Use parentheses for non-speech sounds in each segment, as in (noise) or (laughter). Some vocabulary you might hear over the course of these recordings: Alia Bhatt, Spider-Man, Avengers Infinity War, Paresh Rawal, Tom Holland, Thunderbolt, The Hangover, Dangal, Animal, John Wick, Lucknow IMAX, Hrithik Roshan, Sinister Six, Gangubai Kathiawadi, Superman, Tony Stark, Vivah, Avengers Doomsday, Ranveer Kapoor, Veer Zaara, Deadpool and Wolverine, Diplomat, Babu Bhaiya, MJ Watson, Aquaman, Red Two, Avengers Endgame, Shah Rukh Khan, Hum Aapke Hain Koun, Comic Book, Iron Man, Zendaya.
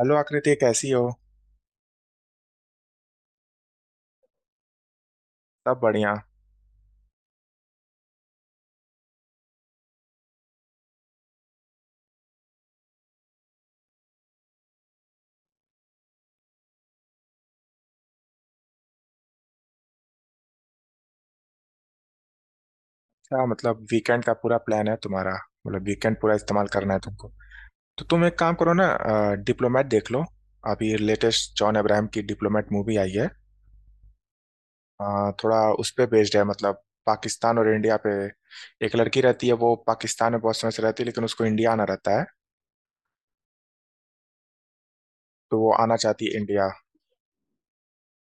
Hello Akriti, कैसी हो? सब बढ़िया। क्या मतलब, वीकेंड का पूरा प्लान है तुम्हारा? मतलब वीकेंड पूरा इस्तेमाल करना है तुमको? तो तुम एक काम करो ना, डिप्लोमेट देख लो। अभी लेटेस्ट जॉन अब्राहम की डिप्लोमेट मूवी आई है। थोड़ा उस पे बेस्ड है, मतलब पाकिस्तान और इंडिया पे। एक लड़की रहती है, वो पाकिस्तान में बहुत समय से रहती है, लेकिन उसको इंडिया आना रहता है। तो वो आना चाहती है इंडिया।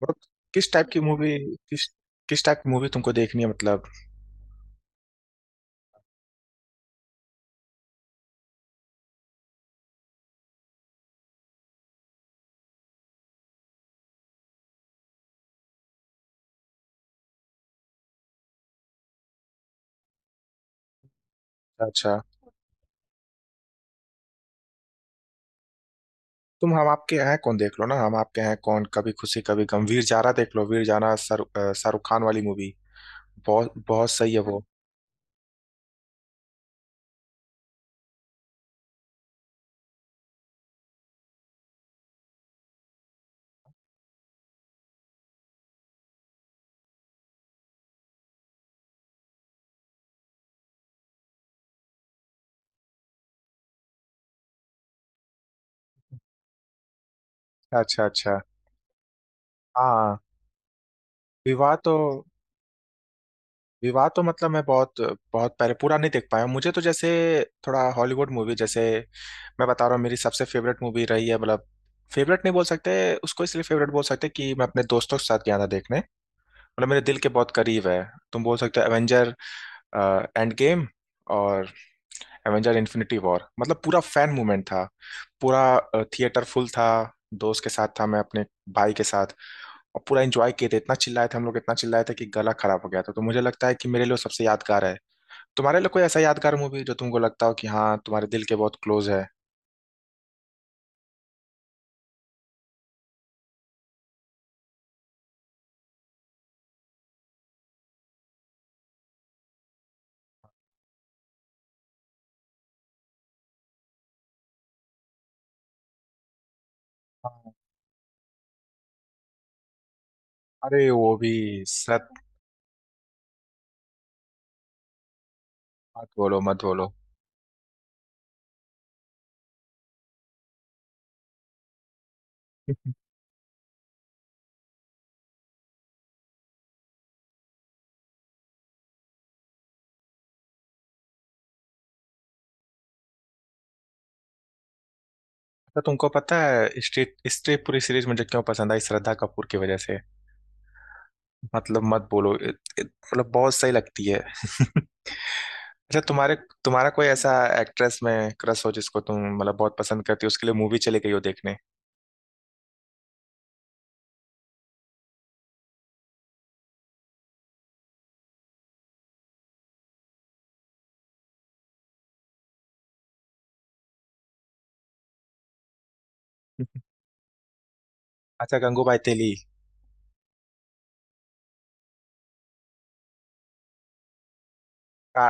मतलब किस टाइप की मूवी, किस किस टाइप की मूवी तुमको देखनी है, मतलब? अच्छा, तुम हम आपके हैं कौन देख लो ना, हम आपके हैं कौन, कभी खुशी कभी गम, वीर जारा देख लो, वीर जारा। शाहरुख खान वाली मूवी। बहुत बहुत सही है वो। अच्छा, अच्छा, हाँ। विवाह तो विवाह तो मतलब मैं बहुत बहुत पहले पूरा नहीं देख पाया हूँ। मुझे तो जैसे थोड़ा हॉलीवुड मूवी जैसे, मैं बता रहा हूँ, मेरी सबसे फेवरेट मूवी रही है। मतलब फेवरेट नहीं बोल सकते उसको, इसलिए फेवरेट बोल सकते कि मैं अपने दोस्तों के साथ गया था देखने, मतलब मेरे दिल के बहुत करीब है। तुम बोल सकते हो एवेंजर एंड गेम और एवेंजर इन्फिनिटी वॉर। मतलब पूरा फैन मूवमेंट था, पूरा थिएटर फुल था। दोस्त के साथ था मैं, अपने भाई के साथ। और पूरा एंजॉय किए थे, इतना चिल्लाए थे हम लोग, इतना चिल्लाए थे कि गला खराब हो गया था। तो मुझे लगता है कि मेरे लिए वो सबसे यादगार है। तुम्हारे लिए कोई ऐसा यादगार मूवी जो तुमको लगता हो कि हाँ, तुम्हारे दिल के बहुत क्लोज है? हाँ। अरे, वो भी सत मत बोलो, मत बोलो। (laughs) तो तुमको पता है, स्ट्रीट स्ट्रीट पूरी सीरीज मुझे क्यों पसंद आई? श्रद्धा कपूर की वजह से। मतलब मत बोलो, मतलब बहुत सही लगती है। (laughs) अच्छा तुम्हारे तुम्हारा कोई ऐसा एक्ट्रेस में क्रश हो जिसको तुम मतलब बहुत पसंद करती हो, उसके लिए मूवी चली गई हो देखने? (laughs) अच्छा, गंगूबाई तेली। का,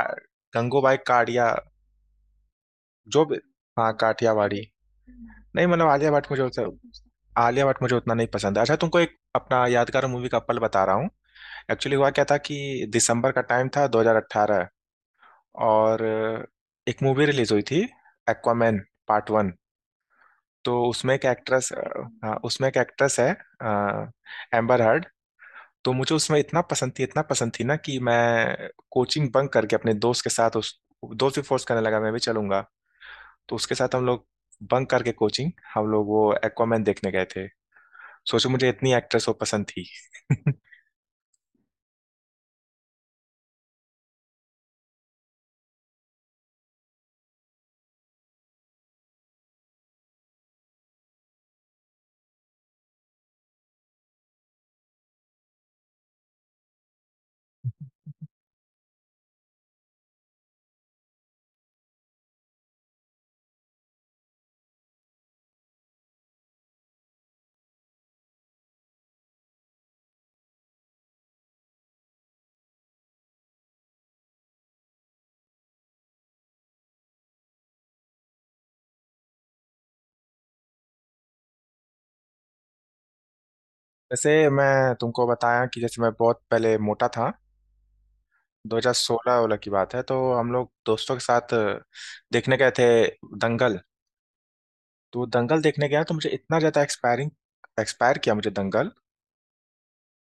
गंगूबाई काड़िया। जो भी, हाँ काठियावाड़ी। नहीं मतलब, आलिया भट्ट मुझे उतना नहीं पसंद है। अच्छा, तुमको एक अपना यादगार मूवी का पल बता रहा हूँ। एक्चुअली हुआ क्या था कि दिसंबर का टाइम था, 2018, और एक मूवी रिलीज हुई थी, एक्वामैन पार्ट 1। तो उसमें एक एक्ट्रेस, हाँ उसमें एक एक्ट्रेस है, एम्बर हर्ड। तो मुझे उसमें इतना पसंद थी ना कि मैं कोचिंग बंक करके अपने दोस्त के साथ, उस दोस्त भी फोर्स करने लगा मैं भी चलूंगा, तो उसके साथ हम लोग बंक करके कोचिंग, हम लोग वो एक्वामैन देखने गए थे। सोचो मुझे इतनी एक्ट्रेस वो पसंद थी। (laughs) वैसे मैं तुमको बताया कि जैसे मैं बहुत पहले मोटा था, 2016 वाला की बात है, तो हम लोग दोस्तों के साथ देखने गए थे दंगल। तो दंगल देखने गया तो मुझे इतना ज़्यादा एक्सपायरिंग, एक्सपायर किया मुझे दंगल,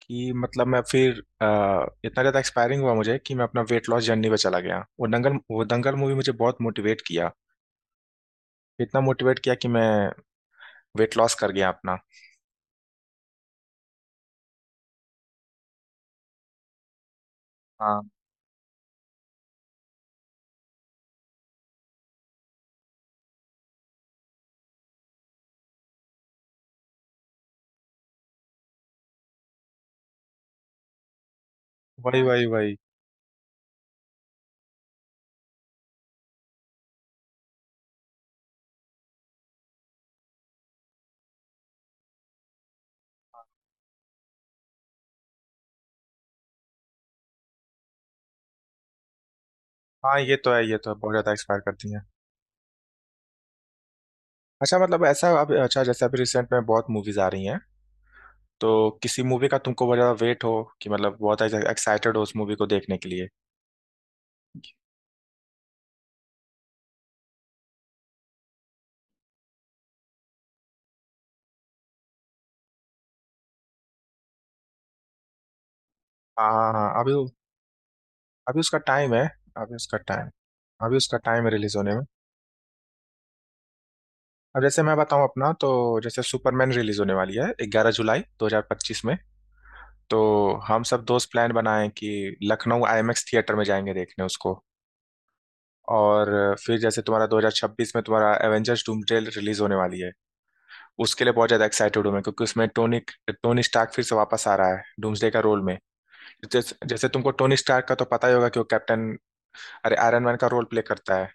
कि मतलब मैं फिर इतना ज़्यादा एक्सपायरिंग हुआ मुझे कि मैं अपना वेट लॉस जर्नी पे चला गया। वो दंगल मूवी मुझे बहुत मोटिवेट किया, इतना मोटिवेट किया कि मैं वेट लॉस कर गया अपना। हाँ, वही वही वही। हाँ, ये तो है, ये तो है, बहुत ज़्यादा एक्सपायर करती हैं। अच्छा मतलब ऐसा, अब अच्छा, जैसे अभी रिसेंट में बहुत मूवीज आ रही हैं, तो किसी मूवी का तुमको बहुत ज़्यादा वेट हो, कि मतलब बहुत एक्साइटेड हो उस मूवी को देखने के लिए? हाँ हाँ हाँ, अभी। अभी उसका टाइम है, अभी उसका टाइम, अभी उसका टाइम है रिलीज होने में। अब जैसे मैं बताऊं अपना, तो जैसे सुपरमैन रिलीज होने वाली है 11 जुलाई 2025 में, तो हम सब दोस्त प्लान बनाएं कि लखनऊ आईएमएक्स थिएटर में जाएंगे देखने उसको। और फिर जैसे तुम्हारा 2026 में तुम्हारा एवेंजर्स डूमसडे रिलीज होने वाली है, उसके लिए बहुत ज्यादा एक्साइटेड हूँ मैं, क्योंकि उसमें टोनी टोनी स्टार्क फिर से वापस आ रहा है डूम्सडे का रोल में। जैसे तुमको टोनी स्टार्क का तो पता ही होगा कि वो कैप्टन, अरे आयरन मैन का रोल प्ले करता है।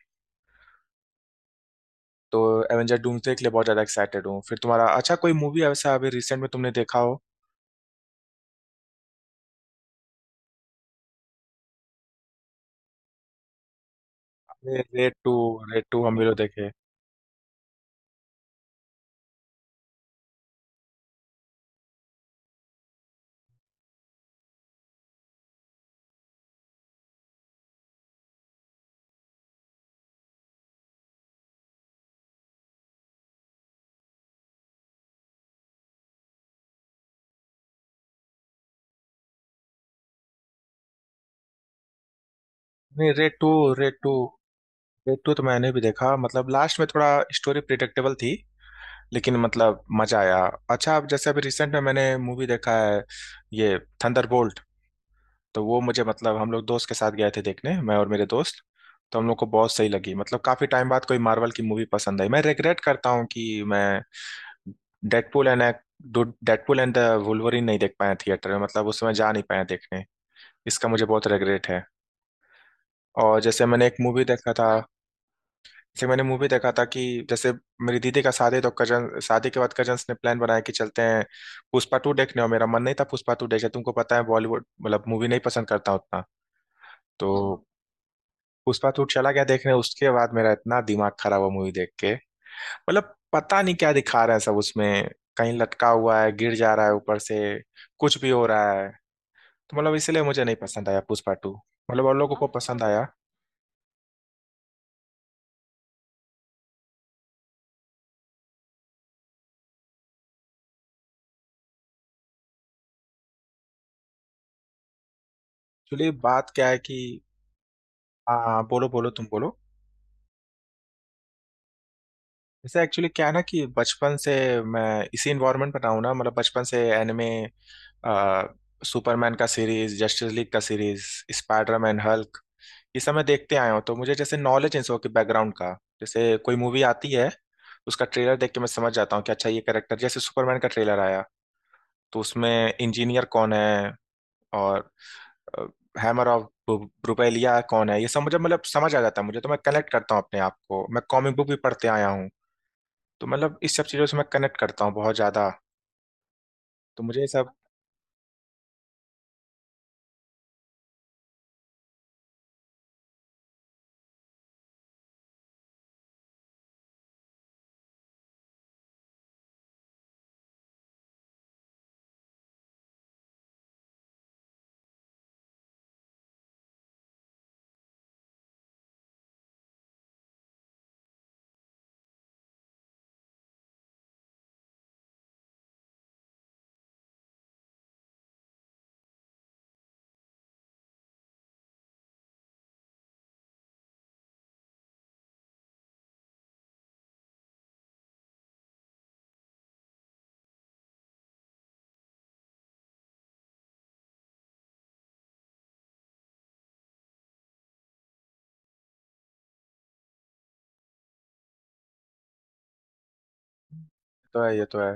तो एवेंजर डूम्सडे के लिए बहुत ज़्यादा एक्साइटेड हूँ। फिर तुम्हारा, अच्छा कोई मूवी ऐसा अभी रिसेंट में तुमने देखा हो? रेड टू, रेड टू हम भी लोग देखे। नहीं, Red two, Red two, Red two तो मैंने भी देखा, मतलब लास्ट में थोड़ा स्टोरी प्रिडिक्टेबल थी, लेकिन मतलब मजा आया। अच्छा, अब जैसे अभी रिसेंट में मैंने मूवी देखा है, ये थंडरबोल्ट। तो वो मुझे मतलब, हम लोग दोस्त के साथ गए थे देखने, मैं और मेरे दोस्त। तो हम लोग को बहुत सही लगी, मतलब काफी टाइम बाद कोई मार्वल की मूवी पसंद आई। मैं रिग्रेट करता हूँ कि मैं Deadpool and Deadpool and the Wolverine नहीं देख पाए थिएटर में, मतलब उस समय जा नहीं पाए देखने। इसका मुझे बहुत रिग्रेट है। और जैसे मैंने एक मूवी देखा था, जैसे मैंने मूवी देखा था कि, जैसे मेरी दीदी का शादी, तो कजन, शादी के बाद कजन्स ने प्लान बनाया कि चलते हैं पुष्पा टू देखने, और मेरा मन नहीं था पुष्पा टू देखे, तुमको पता है बॉलीवुड, मतलब मूवी नहीं पसंद करता उतना। तो पुष्पा टू चला गया देखने, उसके बाद मेरा इतना दिमाग खराब हुआ मूवी देख के, मतलब पता नहीं क्या दिखा रहा है सब उसमें। कहीं लटका हुआ है, गिर जा रहा है ऊपर से, कुछ भी हो रहा है। तो मतलब इसलिए मुझे नहीं पसंद आया पुष्पा टू। मतलब और लोगों को पसंद आया। एक्चुअली बात क्या है कि, हाँ हाँ, बोलो, बोलो तुम बोलो। जैसे एक्चुअली क्या है ना कि, बचपन से मैं इसी इन्वायरमेंट में रहा हूँ ना, मतलब बचपन से एनिमे, सुपरमैन का सीरीज, जस्टिस लीग का सीरीज, स्पाइडरमैन, हल्क, ये सब मैं देखते आया हूँ। तो मुझे जैसे नॉलेज इन सब के बैकग्राउंड का, जैसे कोई मूवी आती है उसका ट्रेलर देख के मैं समझ जाता हूँ कि अच्छा ये कैरेक्टर, जैसे सुपरमैन का ट्रेलर आया, तो उसमें इंजीनियर कौन है, और हैमर ऑफ ब्रुपेलिया कौन है, ये सब मुझे मतलब समझ आ जाता है। मुझे तो मैं कनेक्ट करता हूँ अपने आप को, मैं कॉमिक बुक भी पढ़ते आया हूँ, तो मतलब इस सब चीज़ों से मैं कनेक्ट करता हूँ बहुत ज़्यादा, तो मुझे ये सब, तो है, ये तो है।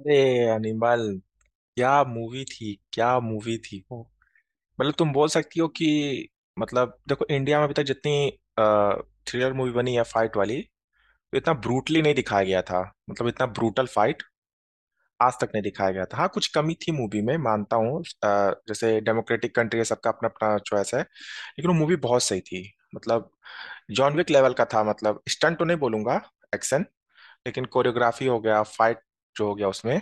अरे अनिमल, क्या मूवी थी, क्या मूवी थी वो! मतलब तुम बोल सकती हो कि, मतलब देखो, इंडिया में अभी तक जितनी थ्रिलर मूवी बनी है फाइट वाली, तो इतना ब्रूटली नहीं दिखाया गया था, मतलब इतना ब्रूटल फाइट आज तक नहीं दिखाया गया था। हाँ, कुछ कमी थी मूवी में, मानता हूँ, जैसे डेमोक्रेटिक कंट्री है, सबका अपना अपना चॉइस है, लेकिन वो मूवी बहुत सही थी। मतलब जॉन विक लेवल का था, मतलब स्टंट तो नहीं बोलूंगा, एक्शन, लेकिन कोरियोग्राफी हो गया, फाइट जो हो गया उसमें,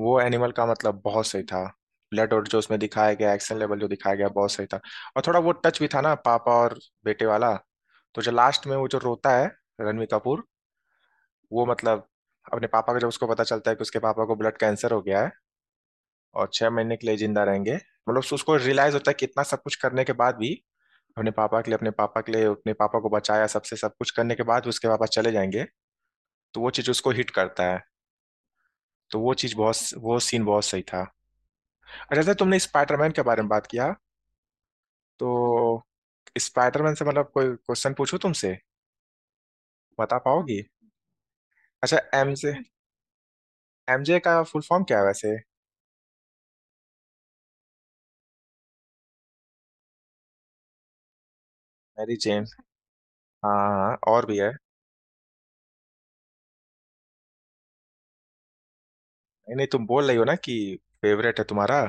वो एनिमल का मतलब बहुत सही था। ब्लड और जो उसमें दिखाया गया एक्शन लेवल जो दिखाया गया, बहुत सही था। और थोड़ा वो टच भी था ना, पापा और बेटे वाला। तो जो लास्ट में वो जो रोता है, रणवीर कपूर, वो मतलब, अपने पापा को जब उसको पता चलता है कि उसके पापा को ब्लड कैंसर हो गया है, और 6 महीने के लिए जिंदा रहेंगे, मतलब उसको रियलाइज होता है कि इतना सब कुछ करने के बाद भी, अपने पापा को बचाया, सबसे सब कुछ करने के बाद उसके पापा चले जाएंगे, तो वो चीज उसको हिट करता है। तो वो चीज बहुत, वो सीन बहुत सही था। अच्छा, जैसे तुमने स्पाइडरमैन के बारे में बात किया, तो स्पाइडरमैन से मतलब कोई क्वेश्चन पूछूं तुमसे, बता पाओगी? अच्छा एमजे, एमजे का फुल फॉर्म क्या है वैसे? मैरी जेन, हाँ हाँ, हाँ, और भी है। नहीं नहीं, तुम बोल रही हो ना कि फेवरेट है तुम्हारा।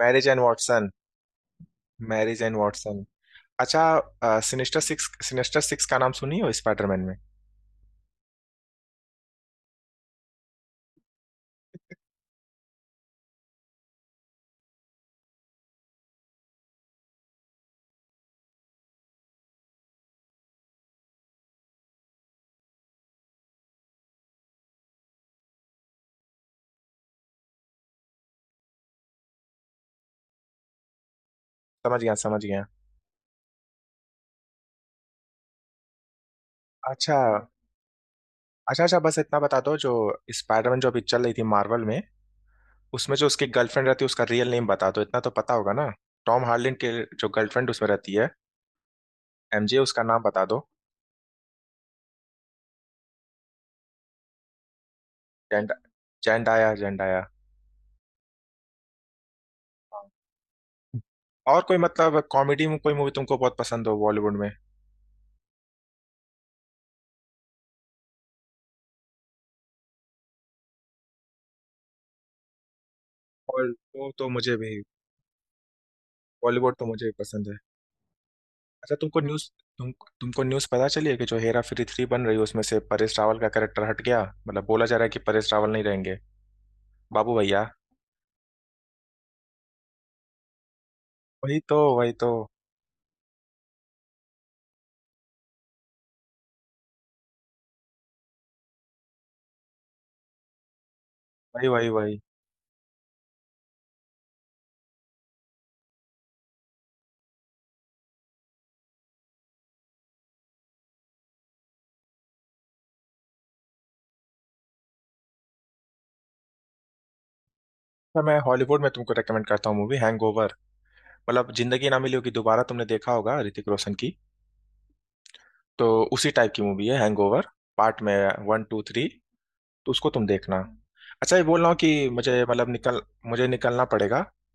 Marriage and Watson, marriage and Watson. अच्छा, सिनेस्टर सिक्स का नाम सुनी हो स्पाइडरमैन में? समझ गया, समझ गया। अच्छा, अच्छा, अच्छा, बस इतना बता दो, जो स्पाइडरमैन जो अभी चल रही थी मार्वल में, उसमें जो उसकी गर्लफ्रेंड रहती है, उसका रियल नेम बता दो, इतना तो पता होगा ना? टॉम हार्लिन के जो गर्लफ्रेंड उसमें रहती है, एमजे, उसका नाम बता दो। Gen Zendaya, Zendaya. और कोई मतलब कॉमेडी में कोई मूवी तुमको बहुत पसंद हो बॉलीवुड में? और तो, मुझे भी, बॉलीवुड तो मुझे भी पसंद है। अच्छा तुमको न्यूज़, तुम तुमको न्यूज़ पता चली है कि जो हेरा फेरी थ्री बन रही है, उसमें से परेश रावल का कैरेक्टर हट गया, मतलब बोला जा रहा है कि परेश रावल नहीं रहेंगे बाबू भैया? वही तो, वही तो, वही वही वही। अच्छा, मैं हॉलीवुड में तुमको रेकमेंड करता हूँ मूवी हैंगओवर। मतलब जिंदगी ना मिली होगी दोबारा तुमने देखा होगा ऋतिक रोशन की, तो उसी टाइप की मूवी है हैंगओवर, पार्ट में 1, 2, 3। तो उसको तुम देखना। अच्छा ये बोल रहा हूँ कि मुझे मतलब निकल मुझे निकलना पड़ेगा।